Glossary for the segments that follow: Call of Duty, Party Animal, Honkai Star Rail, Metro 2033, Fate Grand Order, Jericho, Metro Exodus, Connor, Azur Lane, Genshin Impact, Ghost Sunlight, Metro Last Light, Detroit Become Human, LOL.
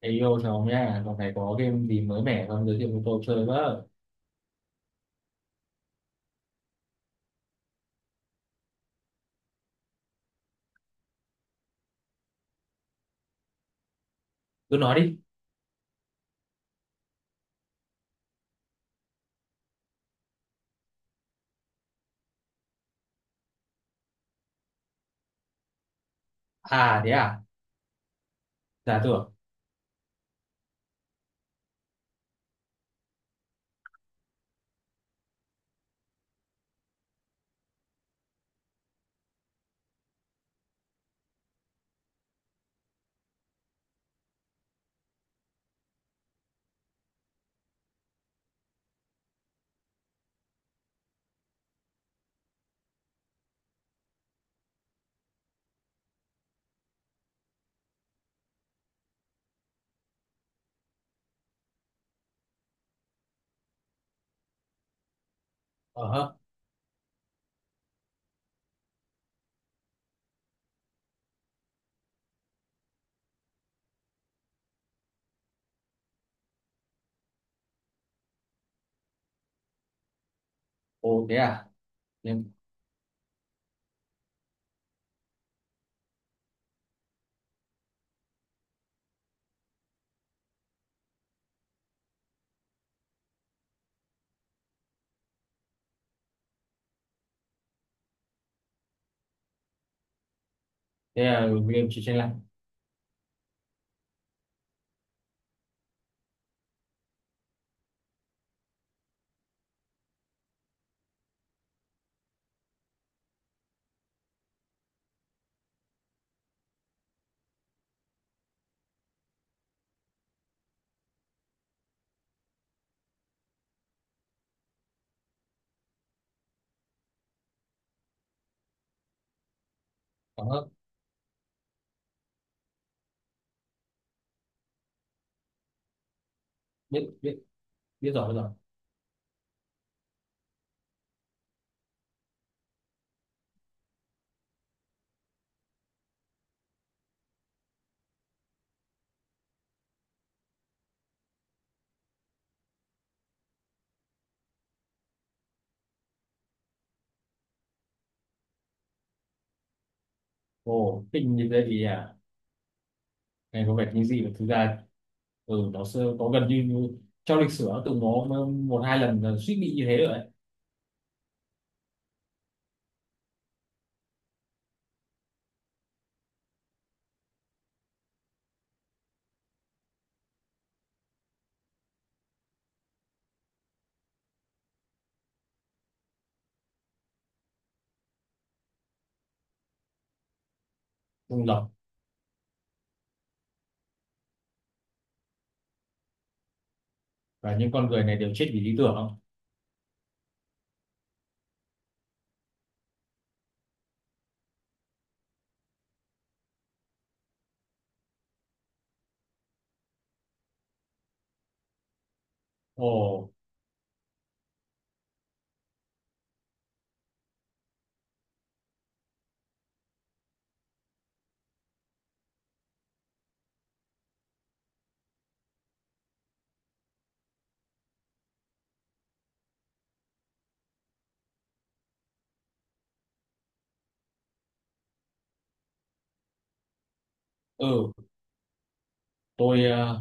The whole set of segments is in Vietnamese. Ê yêu chồng nha, còn này có game gì mới mẻ không giới thiệu cho tôi chơi với. Cứ nói đi. À thế à, giả tưởng. Ờ hớ. Ồ thế à. Thế, thế là game chỉ trên lạnh. Ờ hơ, biết, biết, biết rồi, biết rồi. Ồ, kinh như thế thì à, này có vẻ như gì mà thực ra, ừ, nó sơ, có gần như như trong lịch sử nó từng có một hai lần là suýt bị như thế rồi đấy. Đúng rồi, và những con người này đều chết vì lý tưởng không? Ồ, ừ, tôi, à,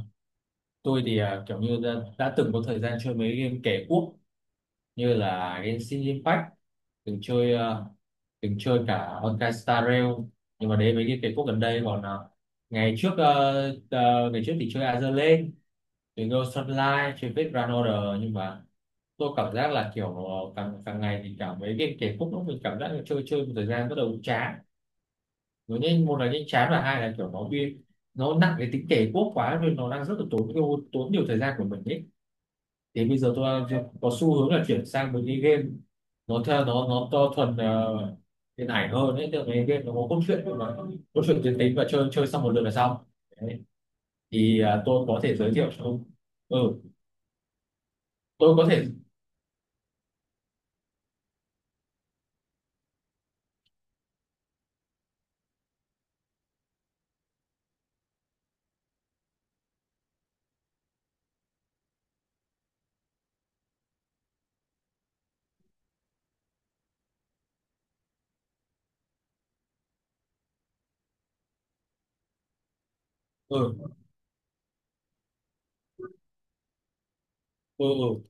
tôi thì à, kiểu như đã từng có thời gian chơi mấy game kẻ quốc như là Genshin Impact, từng chơi từng chơi cả Honkai Star Rail, nhưng mà đến mấy cái quốc gần đây còn ngày trước ngày trước thì chơi Azur Lane, chơi Ghost Sunlight, chơi Fate Grand Order, nhưng mà tôi cảm giác là kiểu càng càng ngày thì cảm mấy cái khúc lúc mình cảm giác là chơi chơi một thời gian bắt đầu chán. Nó nhanh, một là nhanh chán và hai là kiểu nó bị nó nặng cái tính kể quốc quá nên nó đang rất là tốn tốn nhiều thời gian của mình ấy. Thì bây giờ tôi có xu hướng là chuyển sang một cái game nó theo nó to thuần điện ảnh hơn đấy, tức là cái game nó có cốt truyện mà cốt truyện tuyến tính và chơi chơi xong một lượt là xong đấy. Thì à, tôi có thể giới thiệu cho ông. Ừ, tôi có thể. Ừ. Ừ ừ.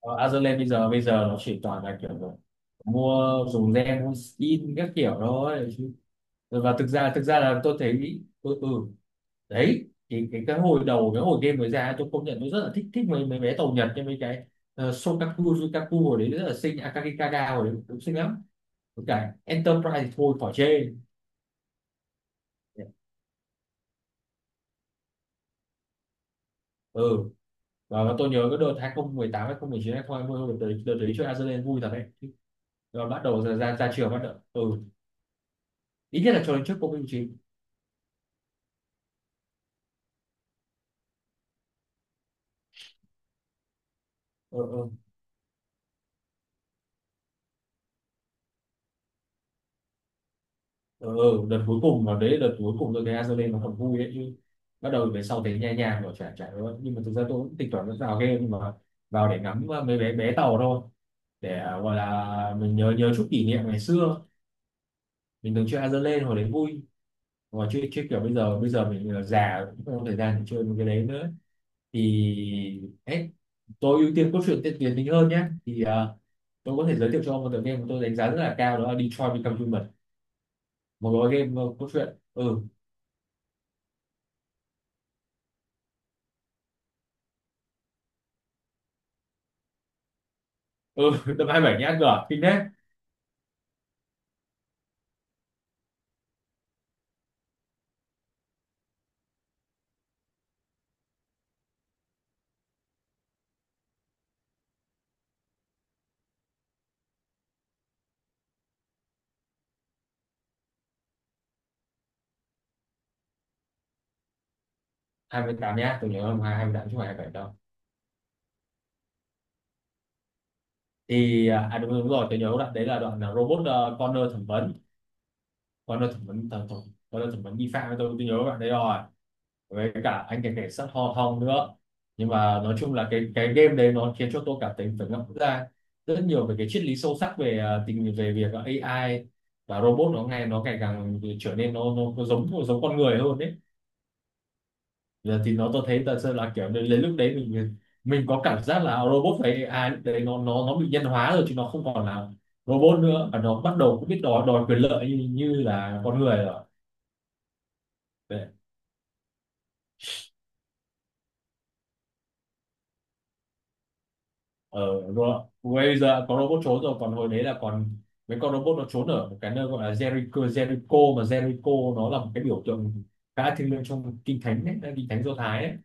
Ờ, Azerland bây giờ nó chỉ toàn là kiểu là mua, dùng gen mua skin các kiểu thôi. Chứ- và thực ra là tôi thấy, ừ ừ, đấy thì cái hồi đầu cái hồi game mới ra tôi công nhận tôi rất là thích, thích mấy mấy bé tàu Nhật như mấy cái Shokaku Yukaku hồi đấy rất là xinh, Akagikaga hồi đấy cũng xinh lắm. Với cả Enterprise thì thôi khỏi chê. Ừ, và tôi nhớ cái đợt 2018 2019 2020, đợt tới đợt đấy chơi Azealia vui thật đấy. Và bắt đầu ra ra, ra trường bắt đầu, ừ, ít nhất là cho đến trước Covid mười chín. Ừ, ừ. Ừ, ừ, đợt cuối cùng, mà đấy đợt cuối cùng tôi thấy Azoulay nó còn vui ấy chứ. Bắt đầu về sau thấy nhẹ nhàng rồi chả chả nữa, nhưng mà thực ra tôi cũng tính toán vào game, nhưng mà vào để ngắm mấy bé bé tàu thôi, để gọi là mình nhớ nhớ chút kỷ niệm ngày xưa mình từng chơi Azoulay hồi đấy vui. Mà chơi chơi kiểu bây giờ mình già cũng không có thời gian để chơi một cái đấy nữa. Thì ấy, tôi ưu tiên cốt truyện tiên tiến tính hơn nhé. Thì tôi có thể giới thiệu cho ông một tựa game mà tôi đánh giá rất là cao, đó là Detroit Become Human, một gói game cốt truyện. Ừ. Ừ tầm 27 nhá, ăn cửa kinh đấy. 28 nhá, tôi nhớ không hai, 28 chứ không phải 27 đâu. Thì à à, đúng, đúng rồi, tôi nhớ đoạn đấy là đoạn là robot, Connor thẩm vấn. Connor thẩm vấn, thẩm, thẩm Connor thẩm vấn nghi phạm, tôi nhớ bạn đấy rồi. Với cả anh cảnh cảnh sát Hong Hong nữa. Nhưng mà nói chung là cái game đấy nó khiến cho tôi cảm thấy phải ngẫm ra rất nhiều về cái triết lý sâu sắc về à, tình về việc AI và robot nó ngày càng trở nên nó giống giống con người hơn đấy. Giờ thì nó tôi thấy thật sự là kiểu đến đến lúc đấy mình có cảm giác là robot phải AI lúc đấy nó bị nhân hóa rồi chứ nó không còn là robot nữa, và nó bắt đầu cũng biết đòi đòi quyền lợi như, như là con người rồi. Để, ở ro- bây giờ có robot trốn rồi, còn hồi đấy là còn mấy con robot nó trốn ở một cái nơi gọi là Jericho. Jericho, mà Jericho nó là một cái biểu tượng khá thiêng liêng trong kinh thánh ấy, kinh thánh Do Thái ấy.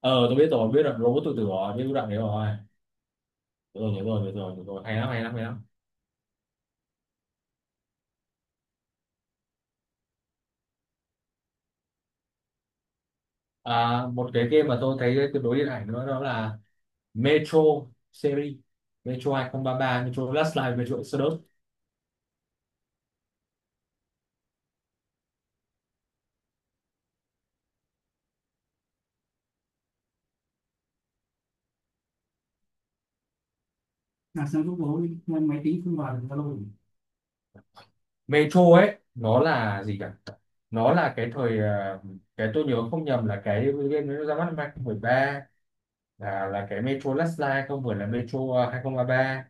Ờ tôi biết rồi, biết rồi, robot tự tử rồi, biết đoạn đấy rồi. Được rồi, nhớ rồi nhớ rồi nhớ rồi, hay lắm hay lắm hay lắm. À, một cái game mà tôi thấy tương đối điện ảnh nữa đó là Metro series. Metro 2033, Metro Last Light, Metro Exodus. Là sao lúc bố lên máy tính không vào được Zalo. Metro ấy nó là gì cả, nó là cái thời à, cái tôi nhớ không nhầm là cái game nó ra mắt năm 2013, là cái Metro Last Light không, vừa là Metro à, 2033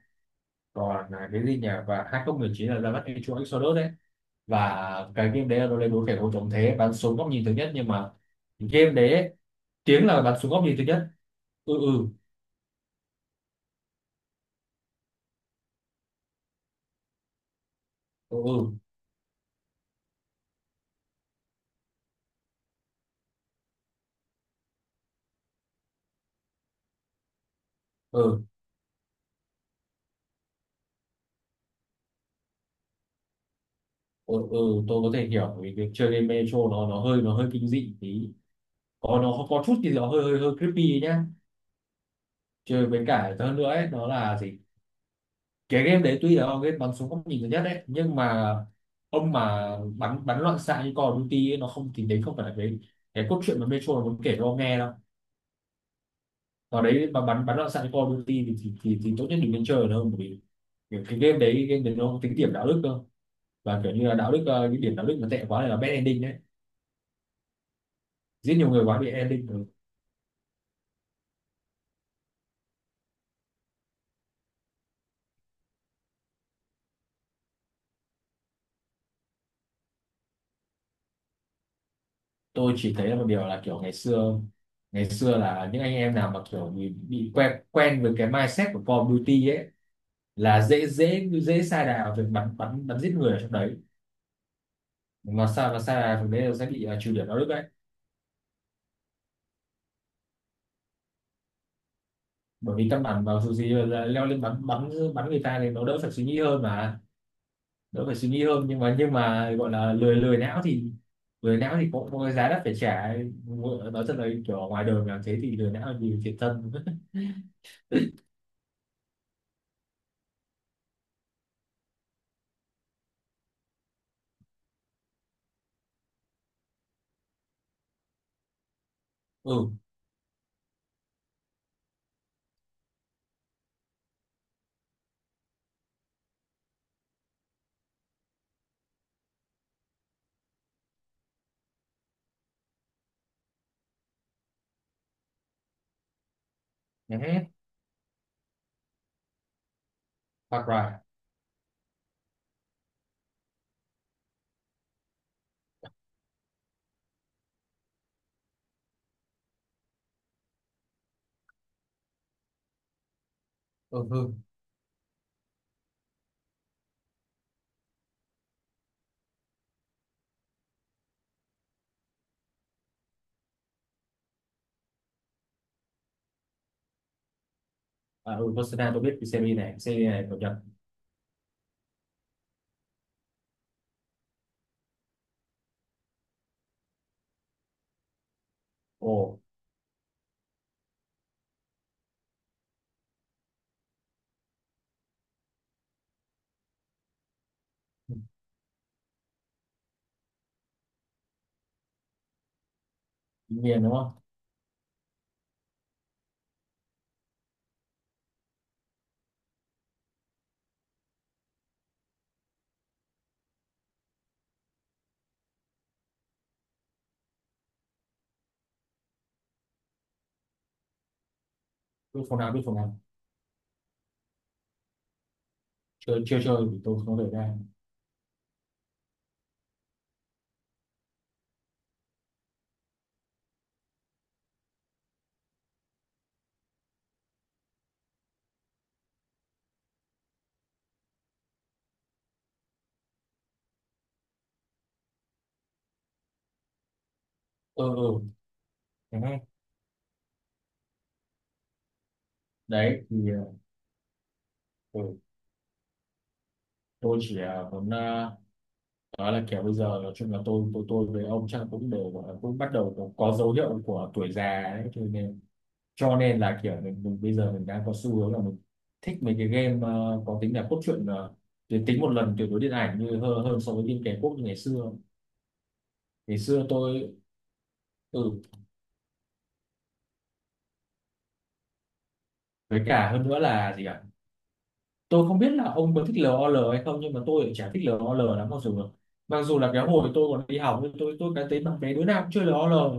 còn là cái gì nhỉ, và 2019 là ra mắt Metro Exodus đấy. Và cái game đấy là nó lên đối kẻ thù chống thế bắn súng góc nhìn thứ nhất, nhưng mà game đấy ấy, tiếng là bắn súng góc nhìn thứ nhất. Ừ. Ừ ừ. Ừ ừ ừ ừ, tôi có thể hiểu vì việc chơi game Metro nó hơi kinh dị tí. Có nó có chút thì nó hơi hơi hơi creepy nhá. Chơi với cả hơn nữa ấy, nó là gì, cái game đấy tuy là game bắn súng góc nhìn thứ nhất đấy nhưng mà ông mà bắn bắn loạn xạ như Call of Duty ấy, nó không, thì đấy không phải là cái cốt truyện mà Metro nó muốn kể cho ông nghe đâu. Ở đấy mà bắn bắn loạn xạ cho Call of Duty thì tốt nhất đừng nên chơi ở đâu, bởi vì kiểu cái game đấy nó không tính điểm đạo đức cơ, và kiểu như là đạo đức cái điểm đạo đức nó tệ quá này là bad ending đấy. Giết nhiều người quá bị ending. Ừ, tôi chỉ thấy là một điều là kiểu ngày xưa là những anh em nào mà kiểu bị quen quen với cái mindset của Call of Duty ấy, là dễ dễ dễ sa đà về bắn bắn bắn giết người ở trong đấy, mà sao mà sa đà trong đấy là sẽ bị trừ điểm đạo đức đấy. Bởi vì căn bản vào dù gì là leo lên bắn bắn bắn người ta thì nó đỡ phải suy nghĩ hơn mà. Đỡ phải suy nghĩ hơn, nhưng mà gọi là lười lười não thì cũng có cái giá đắt phải trả. Nói thật là kiểu ở ngoài đời làm thế thì lười não nhiều thiệt thân. Ừ. Nhà hát. Hoặc là, ừ ừ, à, ừ Barcelona tôi biết cái series này, series này cập nhật. Ồ, miền đúng không. Biết phòng nào biết phòng nào. Chơi chưa, chơi thì tôi không thể ra. Ừ ừ. Nhà hát. Đấy thì ừ, tôi chỉ muốn, đó là kiểu bây giờ nói chung là tôi với ông chắc là cũng đều gọi là cũng bắt đầu có dấu hiệu của tuổi già ấy, cho nên là kiểu mình bây giờ mình đang có xu hướng là mình thích mấy cái game có tính là cốt truyện tuyến tính một lần tuyệt đối điện ảnh như hơn, hơn so với game kẻ quốc như ngày xưa. Ngày xưa tôi, ừ, với cả hơn nữa là gì ạ, tôi không biết là ông có thích LOL hay không, nhưng mà tôi lại chả thích LOL lắm, mặc dù là cái hồi tôi còn đi học nhưng tôi cái thấy bạn bè đứa nào cũng chơi LOL.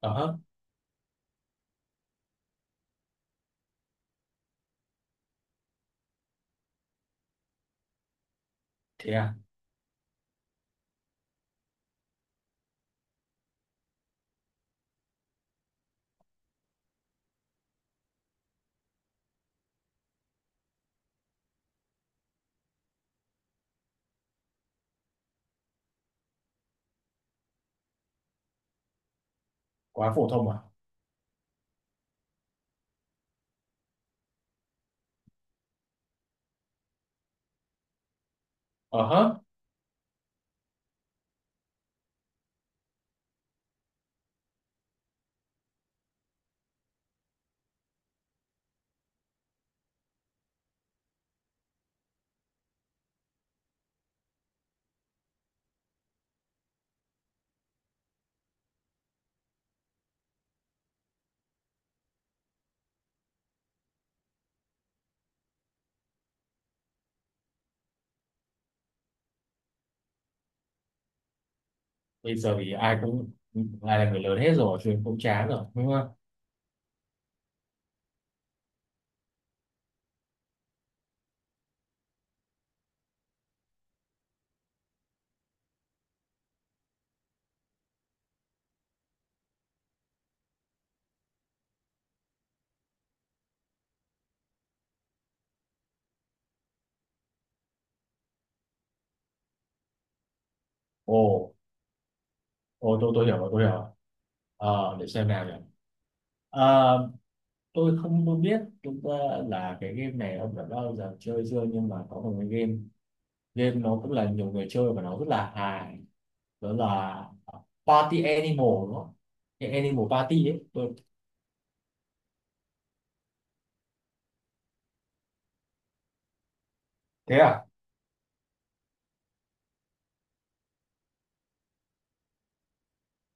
Ờ hớ. Thế à. Quá phổ thông à. Ờ hớ. Bây giờ thì ai cũng ai là người lớn hết rồi, chuyện cũng chán rồi đúng không. Ồ. Ồ, tôi hiểu rồi, tôi hiểu rồi. Ờ để xem nào nhỉ. Ờ, tôi không có biết chúng ta là cái game này ông đã bao giờ chơi chưa, nhưng mà có một cái game, game nó cũng là nhiều người chơi và nó rất là hài, đó là Party Animal đúng không? Cái Animal Party ấy tôi. Thế à.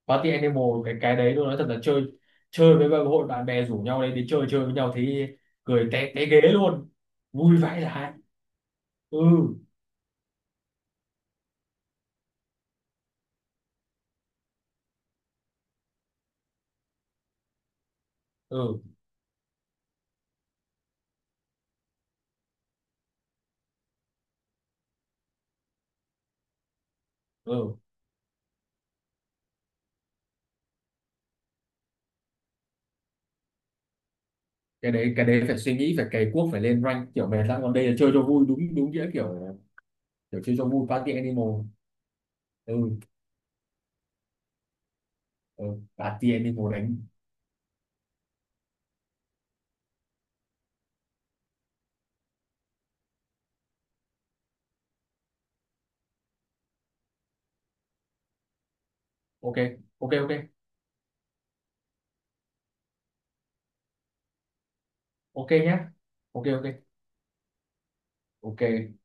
Party Animal, cái đấy tôi nói thật là chơi chơi với bạn- hội bạn bè rủ nhau đấy đi chơi chơi với nhau thì cười té té ghế luôn. Vui vãi lại. Ừ ừ ừ, cái đấy phải suy nghĩ phải cày cuốc phải lên rank kiểu mệt lắm, còn đây là chơi cho vui đúng đúng nghĩa kiểu kiểu chơi cho vui Party Animal. Ừ. Ừ, Party Animal đánh. Ok ok. Ok ok nhá. Ok ok ok.